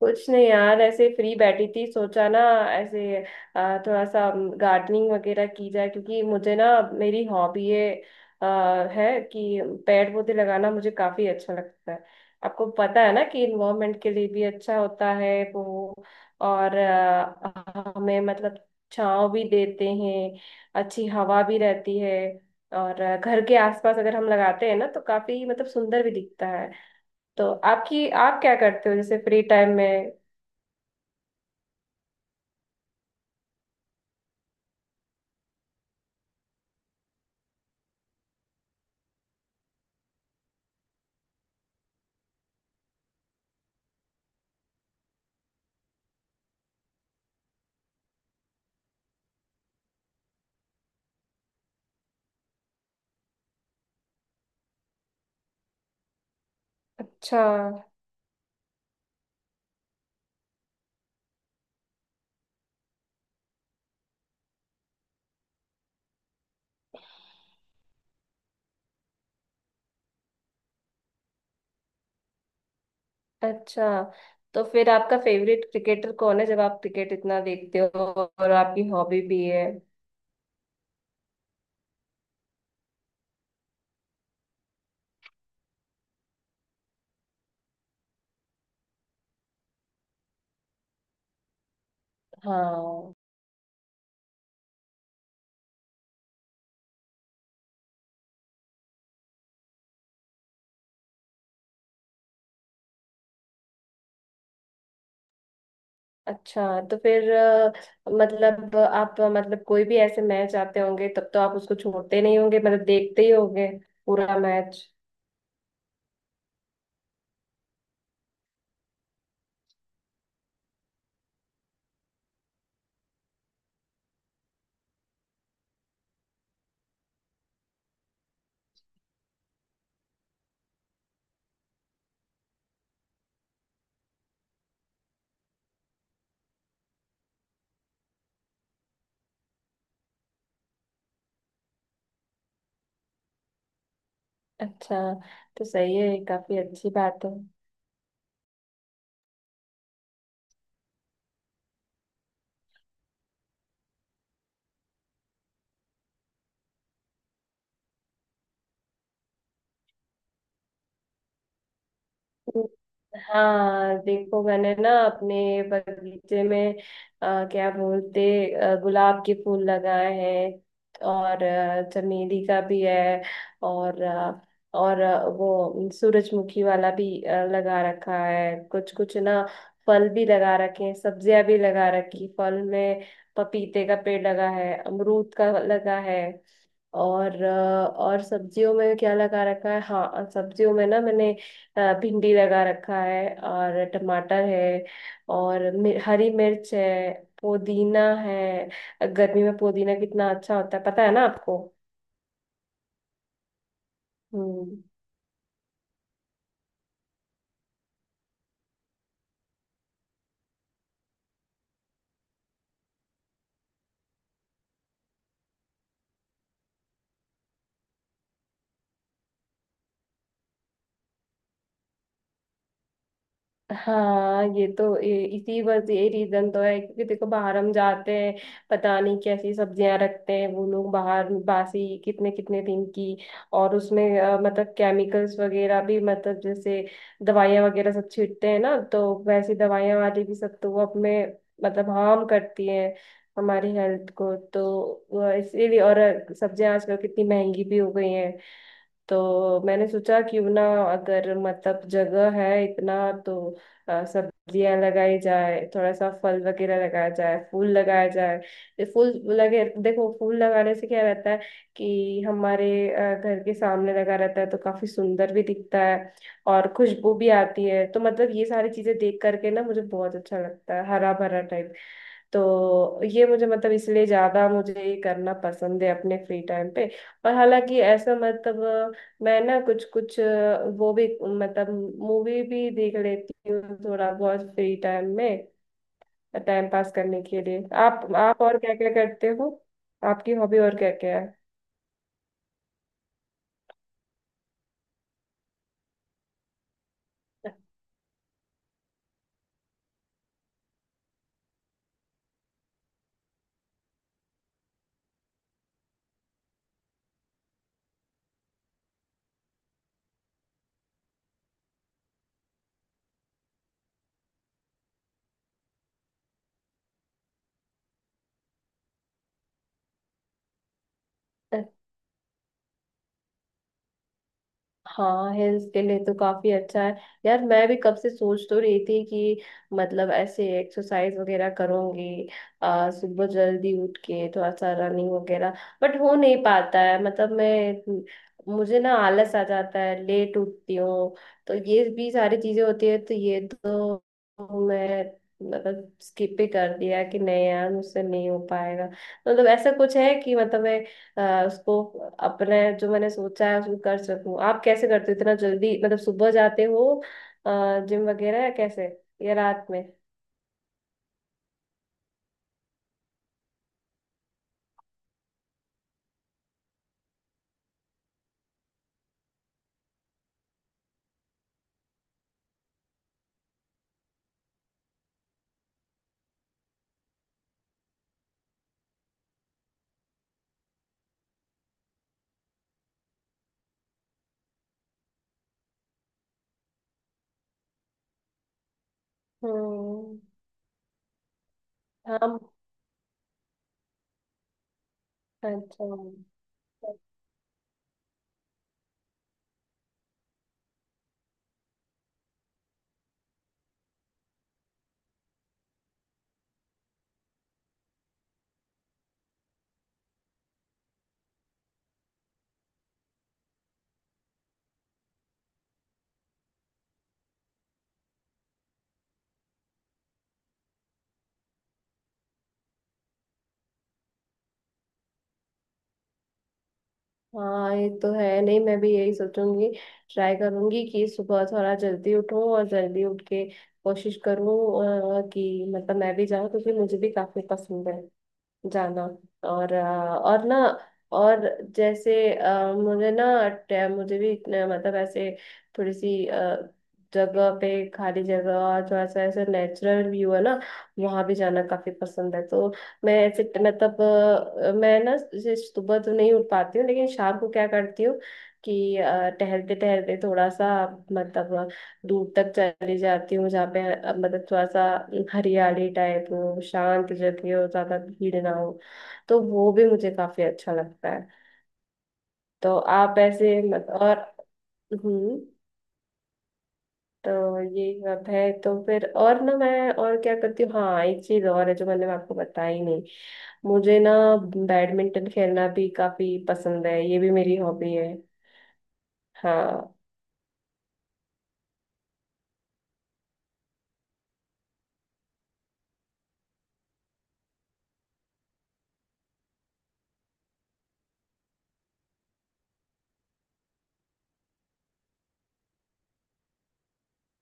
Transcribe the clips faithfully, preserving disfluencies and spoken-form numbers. कुछ नहीं यार, ऐसे फ्री बैठी थी। सोचा ना, ऐसे अ, थोड़ा सा गार्डनिंग वगैरह की जाए, क्योंकि मुझे ना, मेरी हॉबी है अ, है कि पेड़ पौधे लगाना मुझे काफी अच्छा लगता है। आपको पता है ना कि इन्वायरमेंट के लिए भी अच्छा होता है वो, और अ, हमें मतलब छांव भी देते हैं, अच्छी हवा भी रहती है। और अ, घर के आसपास अगर हम लगाते हैं ना तो काफी मतलब सुंदर भी दिखता है। तो आपकी आप क्या करते हो जैसे फ्री टाइम में? अच्छा। अच्छा, तो फिर आपका फेवरेट क्रिकेटर कौन है जब आप क्रिकेट इतना देखते हो और आपकी हॉबी भी है? हाँ। अच्छा, तो फिर अ, मतलब आप मतलब कोई भी ऐसे मैच आते होंगे तब तो आप उसको छोड़ते नहीं होंगे, मतलब देखते ही होंगे पूरा मैच। अच्छा, तो सही है, ये काफी अच्छी बात है। हाँ, देखो मैंने ना अपने बगीचे में अ, क्या बोलते, अ, गुलाब के फूल लगाए हैं, और अ, चमेली का भी है। और अ, और अ, वो सूरजमुखी वाला भी अ, लगा रखा है कुछ कुछ ना। फल भी लगा रखे हैं, सब्जियां भी लगा रखी। फल में पपीते का पेड़ लगा है, अमरूद का लगा है। और अ, और सब्जियों में क्या लगा रखा है, हाँ, और सब्जियों में ना मैंने अ, भिंडी लगा रखा है और टमाटर है, और मि- हरी मिर्च है, पुदीना है। गर्मी में पुदीना कितना अच्छा होता है, पता है ना आपको। हम्म। हाँ ये तो ये, इसी बस ये रीजन तो है, क्योंकि देखो बाहर हम जाते हैं, पता नहीं कैसी सब्जियां रखते हैं वो लोग, बाहर बासी कितने कितने दिन की। और उसमें अ, मतलब केमिकल्स वगैरह भी, मतलब जैसे दवाइयां वगैरह सब छींटते हैं ना, तो वैसी दवाइयां वाली भी सब, तो वो अपने मतलब हार्म करती हैं हमारी हेल्थ को। तो वो इसीलिए, और सब्जियां आजकल कितनी महंगी भी हो गई हैं। तो मैंने सोचा क्यों ना, अगर मतलब जगह है इतना तो सब्जियां लगाई जाए, थोड़ा सा फल वगैरह लगाया जाए, फूल लगाया जाए, ये फूल लगे। देखो फूल लगाने से क्या रहता है कि हमारे अ, घर के सामने लगा रहता है तो काफी सुंदर भी दिखता है, और खुशबू भी आती है। तो मतलब ये सारी चीजें देख करके ना मुझे बहुत अच्छा लगता है, हरा भरा टाइप। तो ये मुझे मतलब इसलिए ज्यादा मुझे ये करना पसंद है अपने फ्री टाइम पे। और हालांकि ऐसा मतलब मैं ना कुछ कुछ अ, वो भी मतलब मूवी भी देख लेती हूँ थोड़ा बहुत फ्री टाइम में। टाइम पास करने के लिए आप आप और क्या क्या करते हो? आपकी हॉबी और क्या क्या है? हाँ, हेल्थ के लिए तो काफी अच्छा है। यार मैं भी कब से सोच तो रही थी कि मतलब ऐसे एक्सरसाइज वगैरह करूंगी, आ, सुबह जल्दी उठ के थोड़ा सा रनिंग वगैरह, बट हो नहीं पाता है। मतलब मैं, मुझे ना आलस आ जाता है, लेट उठती हूँ। तो ये भी सारी चीजें होती है, तो ये तो मैं मतलब स्किप ही कर दिया कि नहीं यार मुझसे नहीं हो पाएगा। मतलब ऐसा कुछ है कि मतलब मैं आ, उसको अपने जो मैंने सोचा है उसको कर सकूं। आप कैसे करते हो इतना जल्दी, मतलब सुबह जाते हो जिम वगैरह, या कैसे, या रात में? हम्म। हम। अच्छा। हाँ ये तो है। नहीं मैं भी यही सोचूंगी, ट्राई करूंगी कि सुबह थोड़ा जल्दी उठूं, और जल्दी उठ के कोशिश करूं अ, कि मतलब मैं भी जाऊं, क्योंकि मुझे भी काफी पसंद है जाना। और अ, और ना, और जैसे अ, मुझे ना टे- मुझे भी इतने मतलब ऐसे थोड़ी सी अ, जगह पे, खाली जगह और थोड़ा सा ऐसे नेचुरल व्यू है ना, वहां भी जाना काफी पसंद है। तो मैं ऐसे ट- मतलब अ, मैं ना जैसे सुबह तो नहीं उठ पाती हूँ, लेकिन शाम को क्या करती हूँ कि अ, टहलते टहलते थोड़ा सा मतलब दूर तक चली जाती हूँ, जहाँ पे अ, मतलब थोड़ा सा हरियाली टाइप हो, शांत जगह हो, ज्यादा भीड़ ना हो। तो वो भी मुझे काफी अच्छा लगता है। तो आप ऐसे मत। और हम्म। तो ये सब है, तो फिर और ना मैं और क्या करती हूँ, हाँ एक चीज और है जो मैंने आपको बताई नहीं, मुझे ना बैडमिंटन खेलना भी काफी पसंद है, ये भी मेरी हॉबी है। हाँ।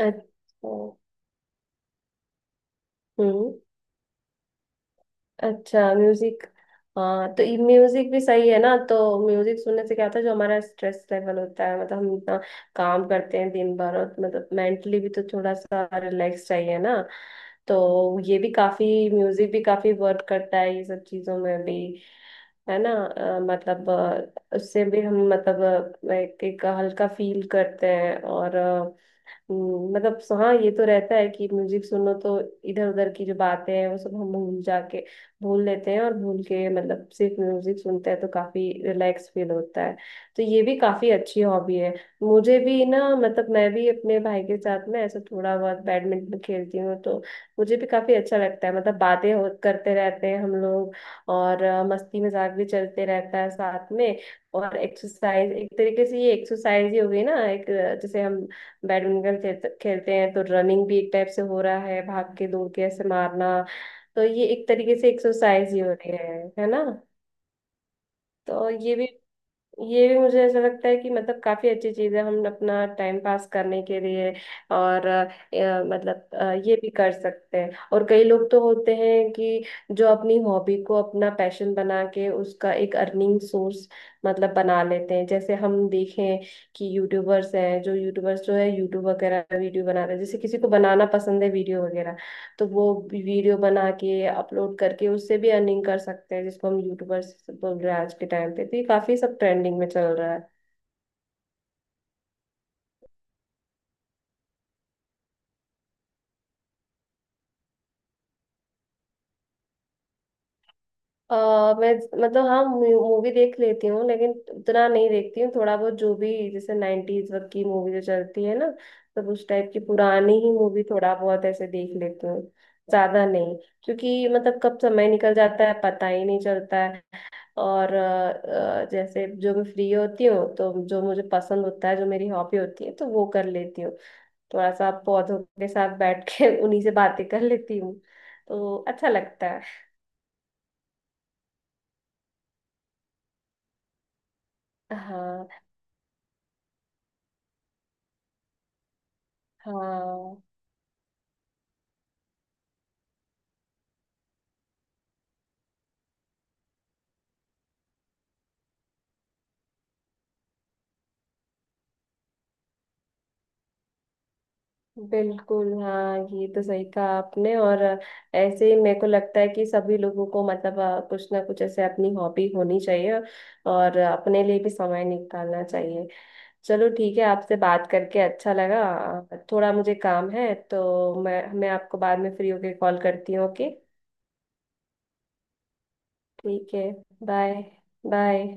अच्छा। हम्म। अच्छा म्यूजिक। हाँ तो ये म्यूजिक भी सही है ना, तो म्यूजिक सुनने से क्या होता है, जो हमारा स्ट्रेस लेवल होता है, मतलब हम इतना काम करते हैं दिन भर, और मतलब मेंटली भी तो थोड़ा सा रिलैक्स चाहिए ना। तो ये भी काफी, म्यूजिक भी काफी वर्क करता है ये सब चीजों में भी, है ना। अ, मतलब अ, उससे भी हम मतलब अ, एक, एक हल्का फील करते हैं, और हम्म, मतलब सो- हाँ ये तो रहता है कि म्यूजिक सुनो तो इधर उधर की जो बातें हैं वो सब हम भूल जाके भूल लेते हैं, और भूल के मतलब सिर्फ म्यूजिक सुनते हैं तो काफी रिलैक्स फील होता है। तो ये भी काफी अच्छी हॉबी है। मुझे भी ना मतलब मैं भी अपने भाई के साथ में ऐसा थोड़ा बहुत बैडमिंटन खेलती हूँ, तो मुझे भी काफी अच्छा लगता है। मतलब बातें हो करते रहते हैं हम लोग, और अ, मस्ती मजाक भी चलते रहता है साथ में। और एक्सरसाइज एक तरीके से ये एक्सरसाइज ही हो गई ना, एक अ, जैसे हम बैडमिंटन खेलते खेलते हैं तो रनिंग भी एक टाइप से हो रहा है, भाग के दौड़ के ऐसे मारना, तो ये एक तरीके से एक्सरसाइज ही हो रही है है ना। तो ये भी ये भी मुझे ऐसा लगता है कि मतलब काफी अच्छी चीज है हम अपना टाइम पास करने के लिए। और अ, अ, मतलब अ, ये भी कर सकते हैं। और कई लोग तो होते हैं कि जो अपनी हॉबी को अपना पैशन बना के उसका एक अर्निंग सोर्स मतलब बना लेते हैं। जैसे हम देखें कि यूट्यूबर्स हैं, जो यूट्यूबर्स जो है यूट्यूब वगैरह वीडियो बनाते हैं, जैसे किसी को बनाना पसंद है वीडियो वगैरह, तो वो भी वीडियो बना के अपलोड करके उससे भी अर्निंग कर सकते हैं, जिसको हम यूट्यूबर्स बोल रहे हैं आज के टाइम पे। तो ये काफी सब ट्रेंडिंग में चल रहा है। अ, मैं मतलब हाँ मूवी देख लेती हूँ, लेकिन उतना नहीं देखती हूँ। थोड़ा बहुत जो भी जैसे नाइन्टीज वक्त की मूवी जो चलती है ना, तब उस टाइप की पुरानी ही मूवी थोड़ा बहुत ऐसे देख लेती हूँ, ज्यादा नहीं, क्योंकि मतलब कब समय निकल जाता है पता ही नहीं चलता है। और अ, अ, जैसे जो मैं फ्री होती हूँ तो जो मुझे पसंद होता है, जो मेरी हॉबी होती है तो वो कर लेती हूँ, थोड़ा सा पौधों के साथ बैठ के उन्हीं से बातें कर लेती हूँ, तो अच्छा लगता है। हाँ हाँ, बिल्कुल। हाँ ये तो सही कहा आपने। और ऐसे ही मेरे को लगता है कि सभी लोगों को मतलब अ, कुछ ना कुछ ऐसे अपनी हॉबी होनी चाहिए, और अपने लिए भी समय निकालना चाहिए। चलो ठीक है, आपसे बात करके अच्छा लगा, थोड़ा मुझे काम है तो मैं मैं आपको बाद में फ्री होके कॉल करती हूँ, ओके। ठीक है। बाय। बाय।